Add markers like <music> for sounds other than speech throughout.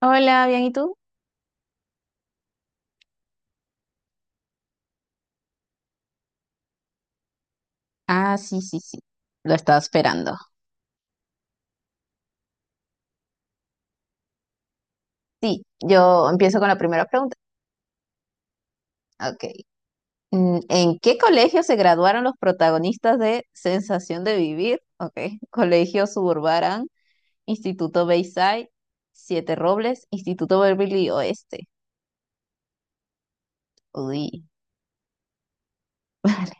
Hola, bien, ¿y tú? Ah, sí, sí, sí. Lo estaba esperando. Sí, yo empiezo con la primera pregunta. Ok. ¿En qué colegio se graduaron los protagonistas de Sensación de Vivir? Ok. <laughs> Colegio Suburban, Instituto Bayside, Siete Robles, Instituto Beverly Oeste. Uy, <laughs> vale.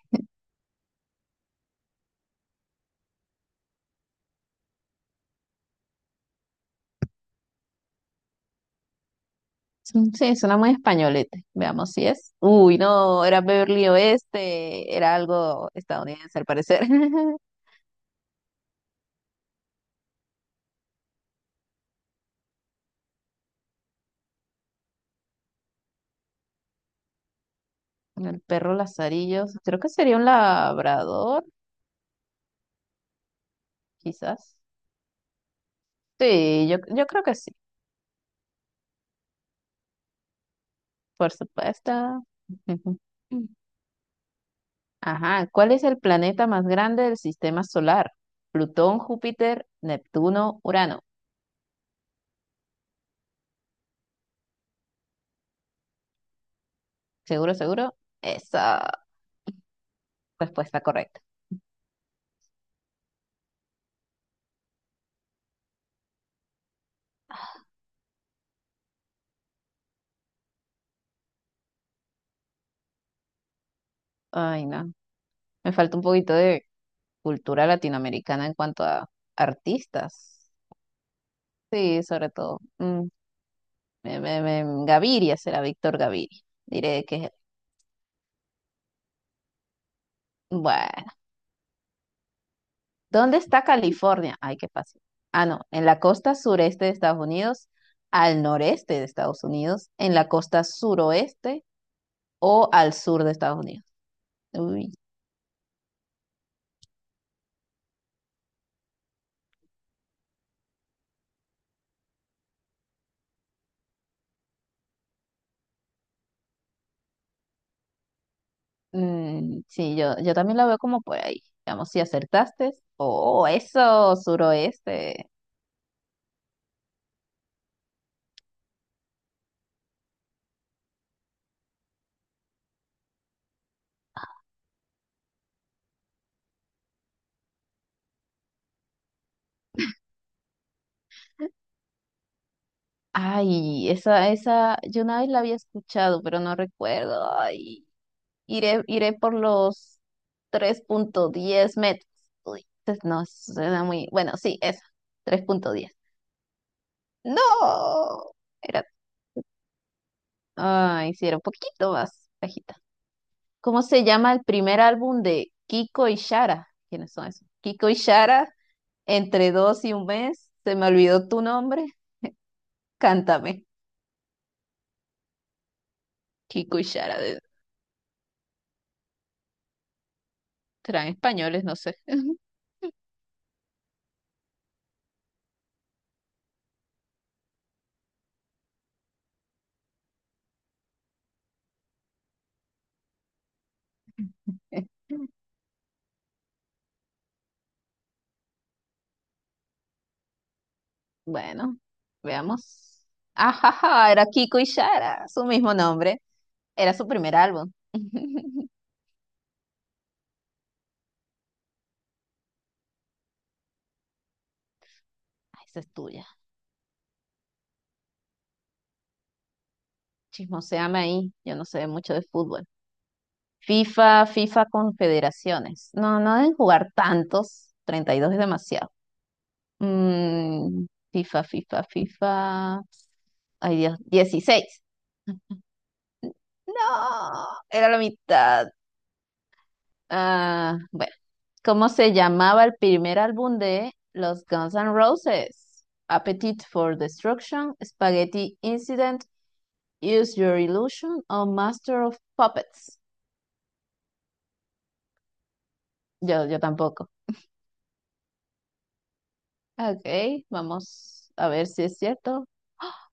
Mm, sí, suena muy españolete. Veamos si es. Uy, no, era Beverly Oeste. Era algo estadounidense al parecer. <laughs> El perro Lazarillos, creo que sería un labrador, quizás. Sí, yo creo que sí, por supuesto. <laughs> Ajá, ¿cuál es el planeta más grande del sistema solar? Plutón, Júpiter, Neptuno, Urano. ¿Seguro, seguro? Esa respuesta correcta. Ay, no. Me falta un poquito de cultura latinoamericana en cuanto a artistas. Sí, sobre todo. Mm, Gaviria será Víctor Gaviria. Diré que es él. Bueno. ¿Dónde está California? Ay, qué fácil. Ah, no, en la costa sureste de Estados Unidos, al noreste de Estados Unidos, en la costa suroeste o al sur de Estados Unidos. Uy, mm, sí, yo también la veo como por ahí. Vamos, si acertaste. Oh, eso, suroeste. Ay, esa, yo una vez la había escuchado, pero no recuerdo. Ay. Iré, iré por los 3,10 metros. Uy, pues no, suena muy... Bueno, sí, eso, 3,10. No, era... Ah, hicieron un poquito más bajita. ¿Cómo se llama el primer álbum de Kiko y Shara? ¿Quiénes son esos? Kiko y Shara, entre dos y un mes, se me olvidó tu nombre, cántame. Kiko y Shara, de- Serán españoles, no sé. <laughs> Bueno, veamos. Ajaja, era Kiko y Shara, su mismo nombre. Era su primer álbum. <laughs> Ay, esa es tuya. Chismoséame ahí. Yo no sé mucho de fútbol. FIFA Confederaciones. No, no deben jugar tantos. 32 es demasiado. Mm, FIFA. Ay, Dios, 16. <laughs> No, era la mitad. Ah, bueno. ¿Cómo se llamaba el primer álbum de los Guns N' Roses? Appetite for Destruction, Spaghetti Incident, Use Your Illusion o Master of Puppets. Yo tampoco. Ok, vamos a ver si es cierto.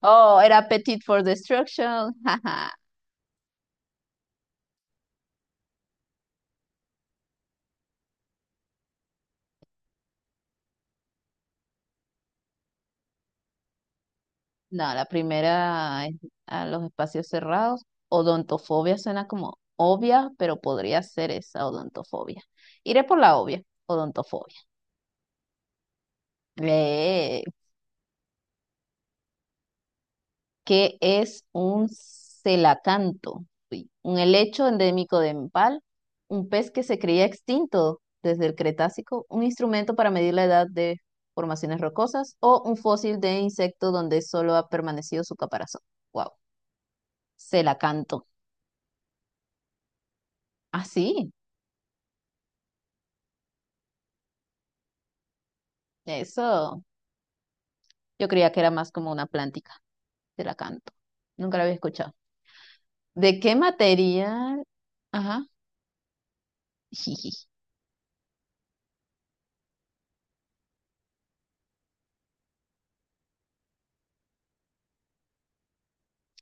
Oh, era Appetite for Destruction. <laughs> Jaja. No, la primera es a los espacios cerrados. Odontofobia suena como obvia, pero podría ser esa odontofobia. Iré por la obvia, odontofobia. Eh. ¿Qué es un celacanto? Uy, ¿un helecho endémico de Nepal, un pez que se creía extinto desde el Cretácico, un instrumento para medir la edad de formaciones rocosas o un fósil de insecto donde solo ha permanecido su caparazón? Wow, celacanto. Ah, sí, eso. Yo creía que era más como una plántica, celacanto. Nunca la había escuchado. ¿De qué material? Ajá, <laughs>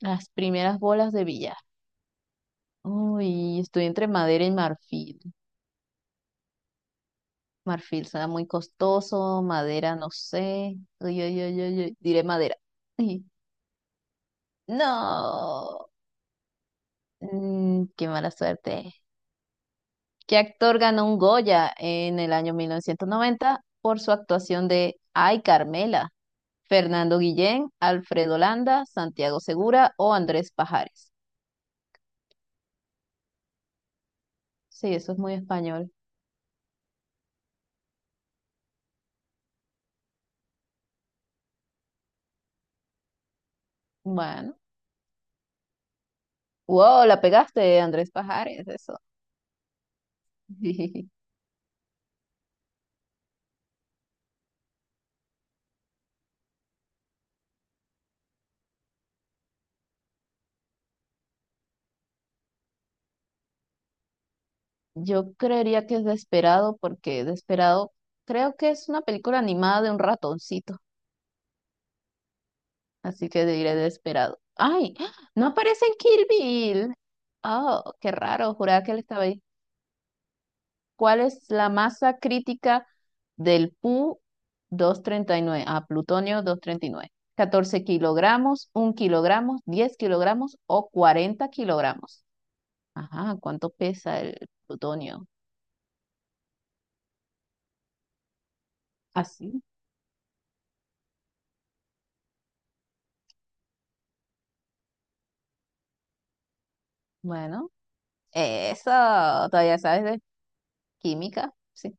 las primeras bolas de billar. Uy, estoy entre madera y marfil. Marfil será muy costoso, madera no sé. Uy, uy, uy, uy, uy, diré madera. Uy, no, mm, qué mala suerte. ¿Qué actor ganó un Goya en el año 1990 por su actuación de Ay, Carmela? Fernando Guillén, Alfredo Landa, Santiago Segura o Andrés Pajares. Sí, eso es muy español. Bueno. Wow, la pegaste, Andrés Pajares, eso. <laughs> Yo creería que es Desperado porque Desperado creo que es una película animada de un ratoncito, así que diré Desperado. ¡Ay! ¡Ah! No aparece en Kill Bill. Oh, qué raro, juraba que él estaba ahí. ¿Cuál es la masa crítica del Pu 239? Ah, ¿plutonio 239? 14 kilogramos, 1 kilogramo, 10 kilogramos o 40 kilogramos. Ajá, ¿cuánto pesa el plutonio? Así. Bueno. Eso, todavía sabes química, sí,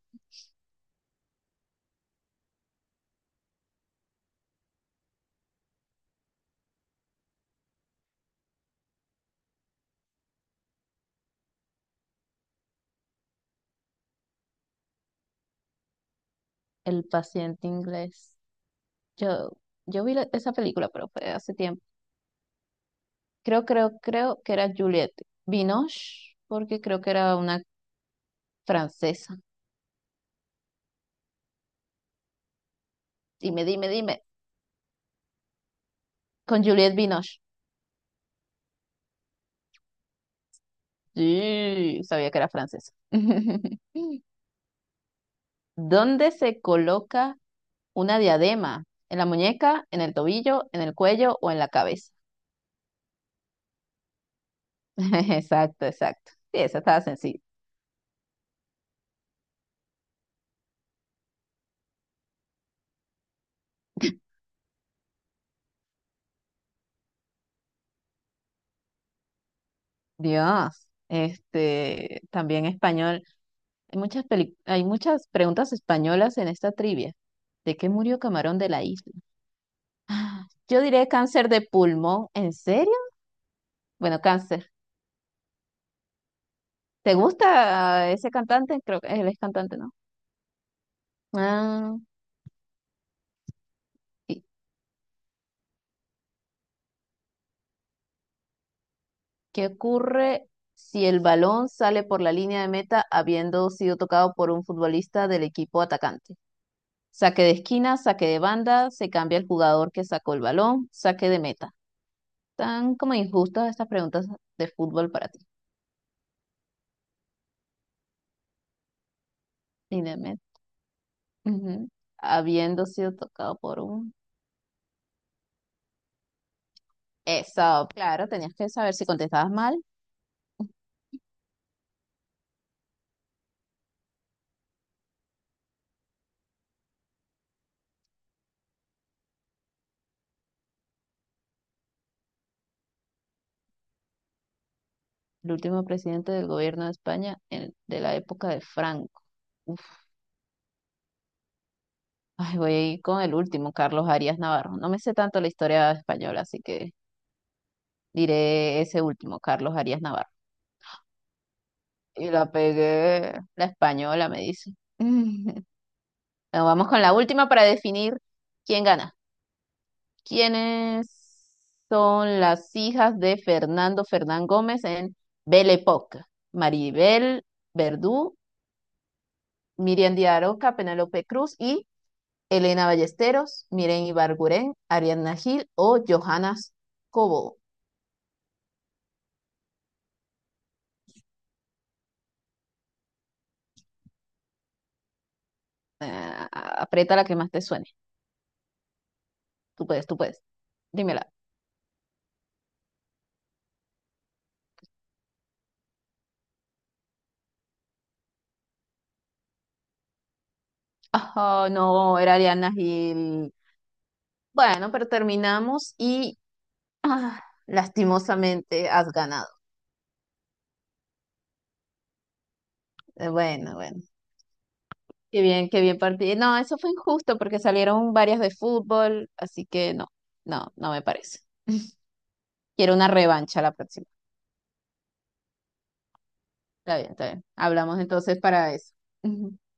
el paciente inglés. Yo, yo vi esa película, pero fue hace tiempo. Creo que era Juliette Binoche, porque creo que era una francesa. Dime, dime, dime. Con Juliette Binoche. Sí, sabía que era francesa. <laughs> ¿Dónde se coloca una diadema? ¿En la muñeca, en el tobillo, en el cuello o en la cabeza? <laughs> Exacto, exacto. Sí, esa estaba sencilla. Dios, este, también español. Hay muchas hay muchas preguntas españolas en esta trivia. ¿De qué murió Camarón de la isla? Ah, yo diré cáncer de pulmón. ¿En serio? Bueno, cáncer. ¿Te gusta ese cantante? Creo que él es cantante, ¿no? Ah, ¿y ¿qué ocurre si el balón sale por la línea de meta habiendo sido tocado por un futbolista del equipo atacante? Saque de esquina, saque de banda, se cambia el jugador que sacó el balón, saque de meta. Tan como injustas estas preguntas de fútbol para ti. Ujú. Habiendo sido tocado por un... Eso, claro, tenías que saber si contestabas mal. El último presidente del gobierno de España de la época de Franco. Uf, ay, voy a ir con el último, Carlos Arias Navarro. No me sé tanto la historia española, así que diré ese último, Carlos Arias Navarro. Y la pegué. La española me dice. <laughs> Bueno, vamos con la última para definir quién gana. ¿Quiénes son las hijas de Fernando Fernán Gómez en Belle Époque? Maribel Verdú, Miriam Díaz Aroca, Penélope Cruz y Elena Ballesteros, Miren Ibarguren, Ariadna Gil o Johanna Cobo. Aprieta la que más te suene. Tú puedes, tú puedes. Dímela. Ah, no, era Ariadna Gil. Bueno, pero terminamos y ah, lastimosamente has ganado. Bueno, bueno. Qué bien partido. No, eso fue injusto porque salieron varias de fútbol, así que no, no, no me parece. <laughs> Quiero una revancha la próxima. Está bien, está bien. Hablamos entonces para eso. <laughs>